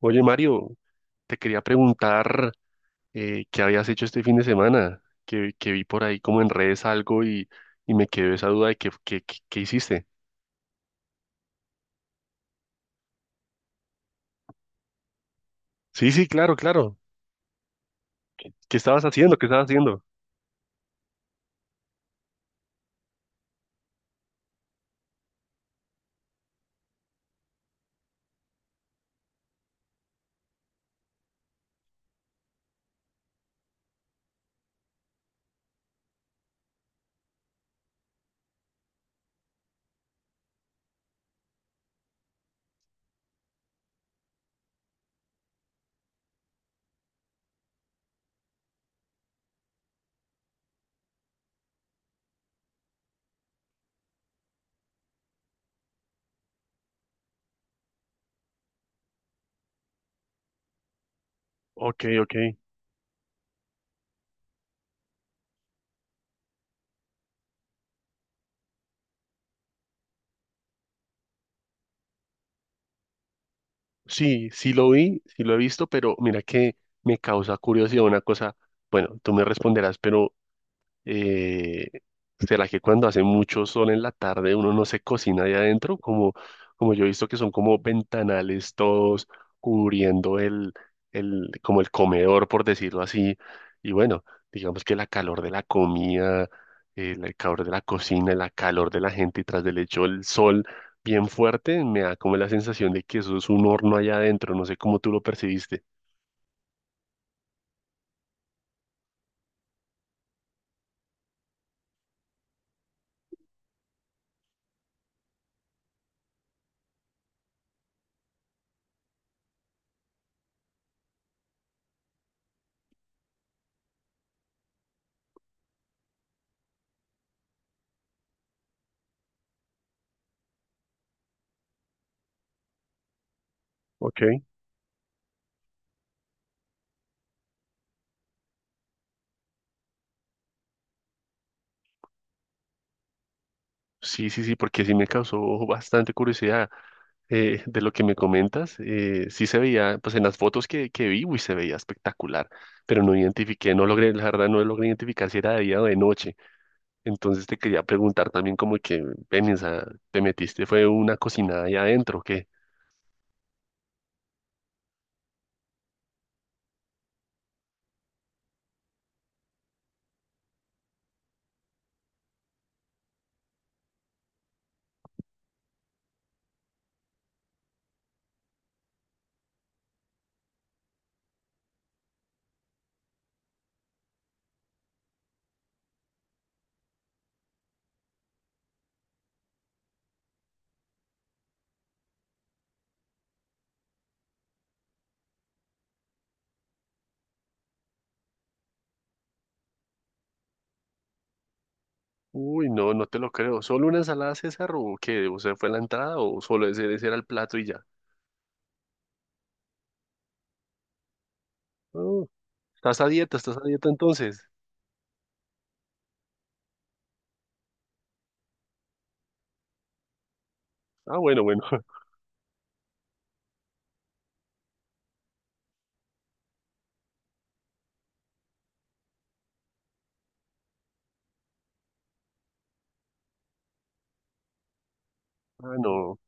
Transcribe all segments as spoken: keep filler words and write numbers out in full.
Oye, Mario, te quería preguntar eh, qué habías hecho este fin de semana, que, que vi por ahí como en redes algo y, y me quedó esa duda de qué, qué, qué- qué hiciste. Sí, sí, claro, claro. ¿Qué estabas haciendo? ¿Qué estabas haciendo? Ok, ok. Sí, sí lo vi, sí lo he visto, pero mira que me causa curiosidad una cosa. Bueno, tú me responderás, pero Eh, ¿será que cuando hace mucho sol en la tarde uno no se cocina ahí adentro? Como, como yo he visto que son como ventanales todos cubriendo el, el, como el comedor, por decirlo así. Y bueno, digamos que la calor de la comida, el, el calor de la cocina, la calor de la gente y tras del hecho el sol bien fuerte, me da como la sensación de que eso es un horno allá adentro. No sé cómo tú lo percibiste. Ok. Sí, sí, sí, porque sí me causó bastante curiosidad eh, de lo que me comentas. Eh, sí se veía, pues en las fotos que, que vi, uy, se veía espectacular, pero no identifiqué, no logré, la verdad no logré identificar si era de día o de noche. Entonces te quería preguntar también como que, ven, esa, te metiste, fue una cocinada ahí adentro, ¿o qué? Uy, no, no te lo creo. ¿Solo una ensalada César o qué? ¿O sea, fue la entrada o solo ese, ese era el plato y ya? Oh, ¿estás a dieta? ¿Estás a dieta entonces? Ah, bueno, bueno. Ah, no.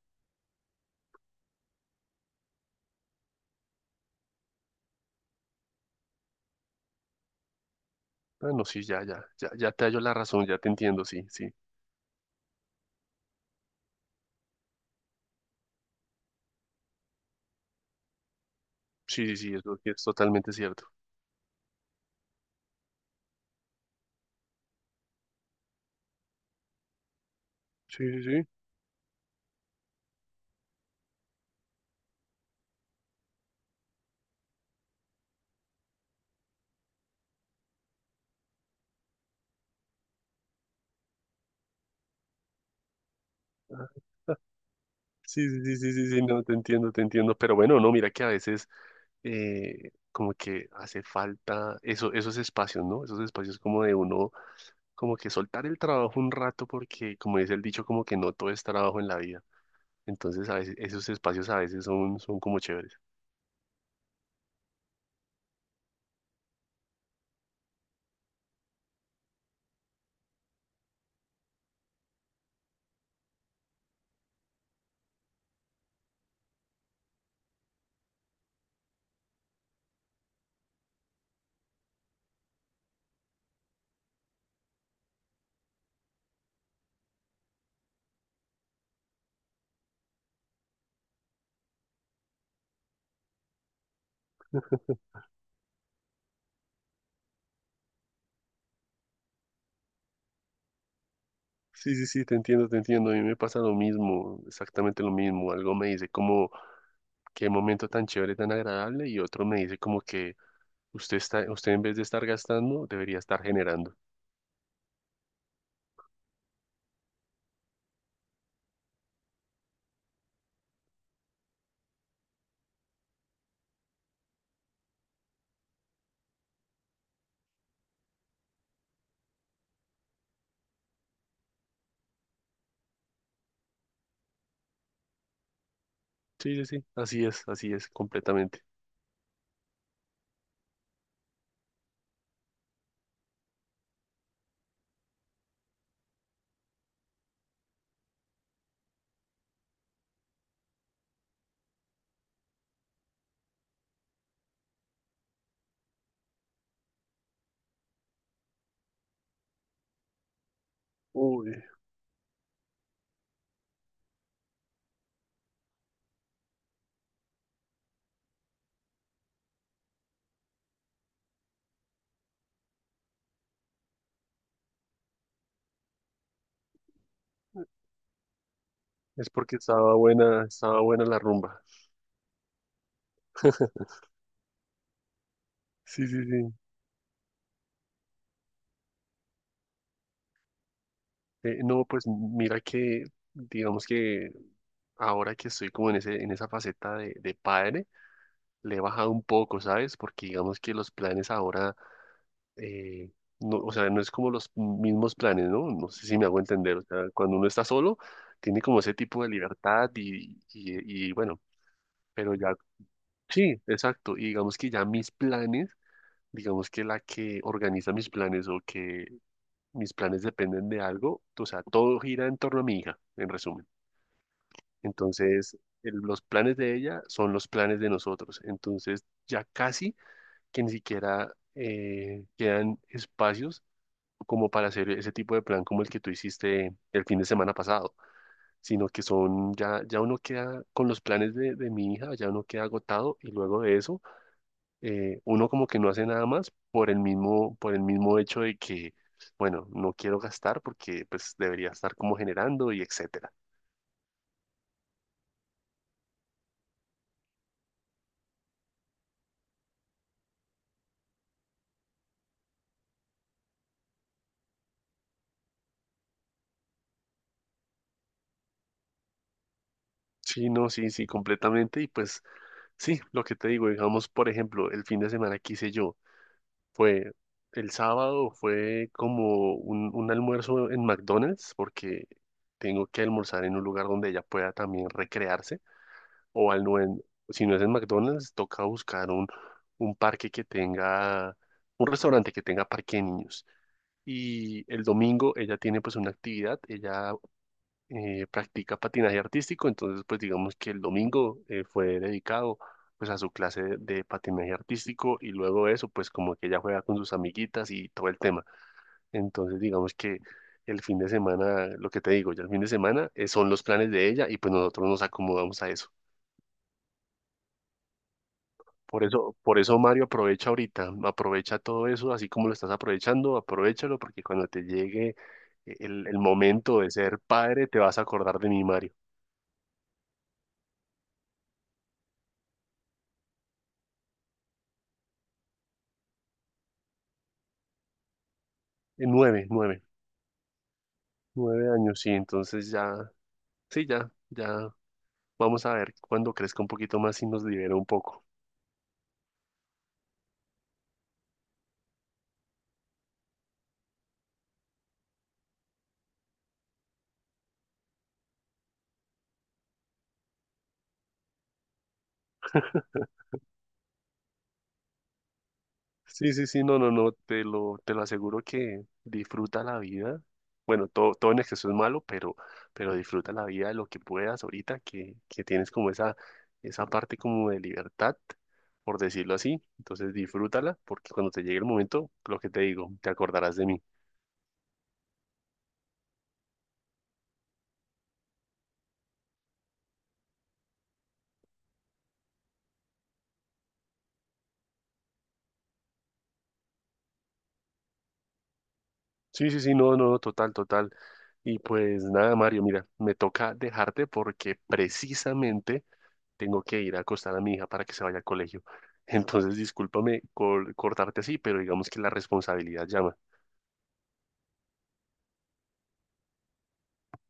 Ah, no, sí, ya, ya, ya, ya te hallo la razón, ya te entiendo, sí, sí, sí, sí, sí, eso sí es totalmente cierto. Sí, sí, sí. Ah, sí, sí, sí, sí, sí, sí, no, te entiendo, te entiendo, pero bueno, no, mira que a veces eh, como que hace falta eso, esos espacios, ¿no? Esos espacios como de uno, como que soltar el trabajo un rato porque, como dice el dicho, como que no todo es trabajo en la vida. Entonces, a veces, esos espacios a veces son, son como chéveres. Sí, sí, sí, te entiendo, te entiendo. A mí me pasa lo mismo, exactamente lo mismo. Algo me dice como qué momento tan chévere, tan agradable, y otro me dice como que usted está, usted en vez de estar gastando, debería estar generando. Sí, sí, sí, así es, así es, completamente. Uy, es porque estaba buena, estaba buena la rumba. Sí, sí, sí. Eh, no, pues mira que, digamos que ahora que estoy como en ese, en esa faceta de, de padre, le he bajado un poco, ¿sabes? Porque digamos que los planes ahora eh, no, o sea, no es como los mismos planes, ¿no? No sé si me hago entender. O sea, cuando uno está solo, tiene como ese tipo de libertad y, y, y bueno, pero ya, sí, exacto. Y digamos que ya mis planes, digamos que la que organiza mis planes o que mis planes dependen de algo, o sea, todo gira en torno a mi hija, en resumen. Entonces, el- los planes de ella son los planes de nosotros. Entonces, ya casi que ni siquiera eh, quedan espacios como para hacer ese tipo de plan como el que tú hiciste el fin de semana pasado, sino que son, ya, ya uno queda con los planes de, de mi hija, ya uno queda agotado y luego de eso, eh, uno como que no hace nada más por el mismo, por el mismo hecho de que, bueno, no quiero gastar porque pues debería estar como generando y etcétera. Sí, no, sí, sí, completamente. Y pues sí, lo que te digo, digamos, por ejemplo, el fin de semana que hice yo. Fue el sábado, fue como un, un almuerzo en McDonald's, porque tengo que almorzar en un lugar donde ella pueda también recrearse, o al no en- si no es en McDonald's, toca buscar un, un parque que tenga, un restaurante que tenga parque de niños. Y el domingo ella tiene pues una actividad, ella eh, practica patinaje artístico, entonces pues digamos que el domingo eh, fue dedicado pues a su clase de, de patinaje artístico y luego de eso pues como que ella juega con sus amiguitas y todo el tema. Entonces digamos que el fin de semana, lo que te digo, ya el fin de semana eh, son los planes de ella y pues nosotros nos acomodamos a eso. Por eso, por eso Mario aprovecha ahorita, aprovecha todo eso así como lo estás aprovechando, aprovechalo porque cuando te llegue eh, el, el momento de ser padre te vas a acordar de mi Mario. Eh, Nueve, nueve. Nueve años, sí, entonces ya, sí, ya, ya, vamos a ver cuando crezca un poquito más y nos libera un poco. Sí, sí, sí, no, no, no, te lo, te lo aseguro que disfruta la vida. Bueno, todo, todo en exceso es malo, pero, pero disfruta la vida de lo que puedas ahorita, que, que tienes como esa, esa parte como de libertad, por decirlo así. Entonces disfrútala, porque cuando te llegue el momento, lo que te digo, te acordarás de mí. Sí, sí, sí, no, no, no total, total. Y pues nada, Mario, mira, me toca dejarte porque precisamente tengo que ir a acostar a mi hija para que se vaya al colegio. Entonces, discúlpame col- cortarte así, pero digamos que la responsabilidad llama.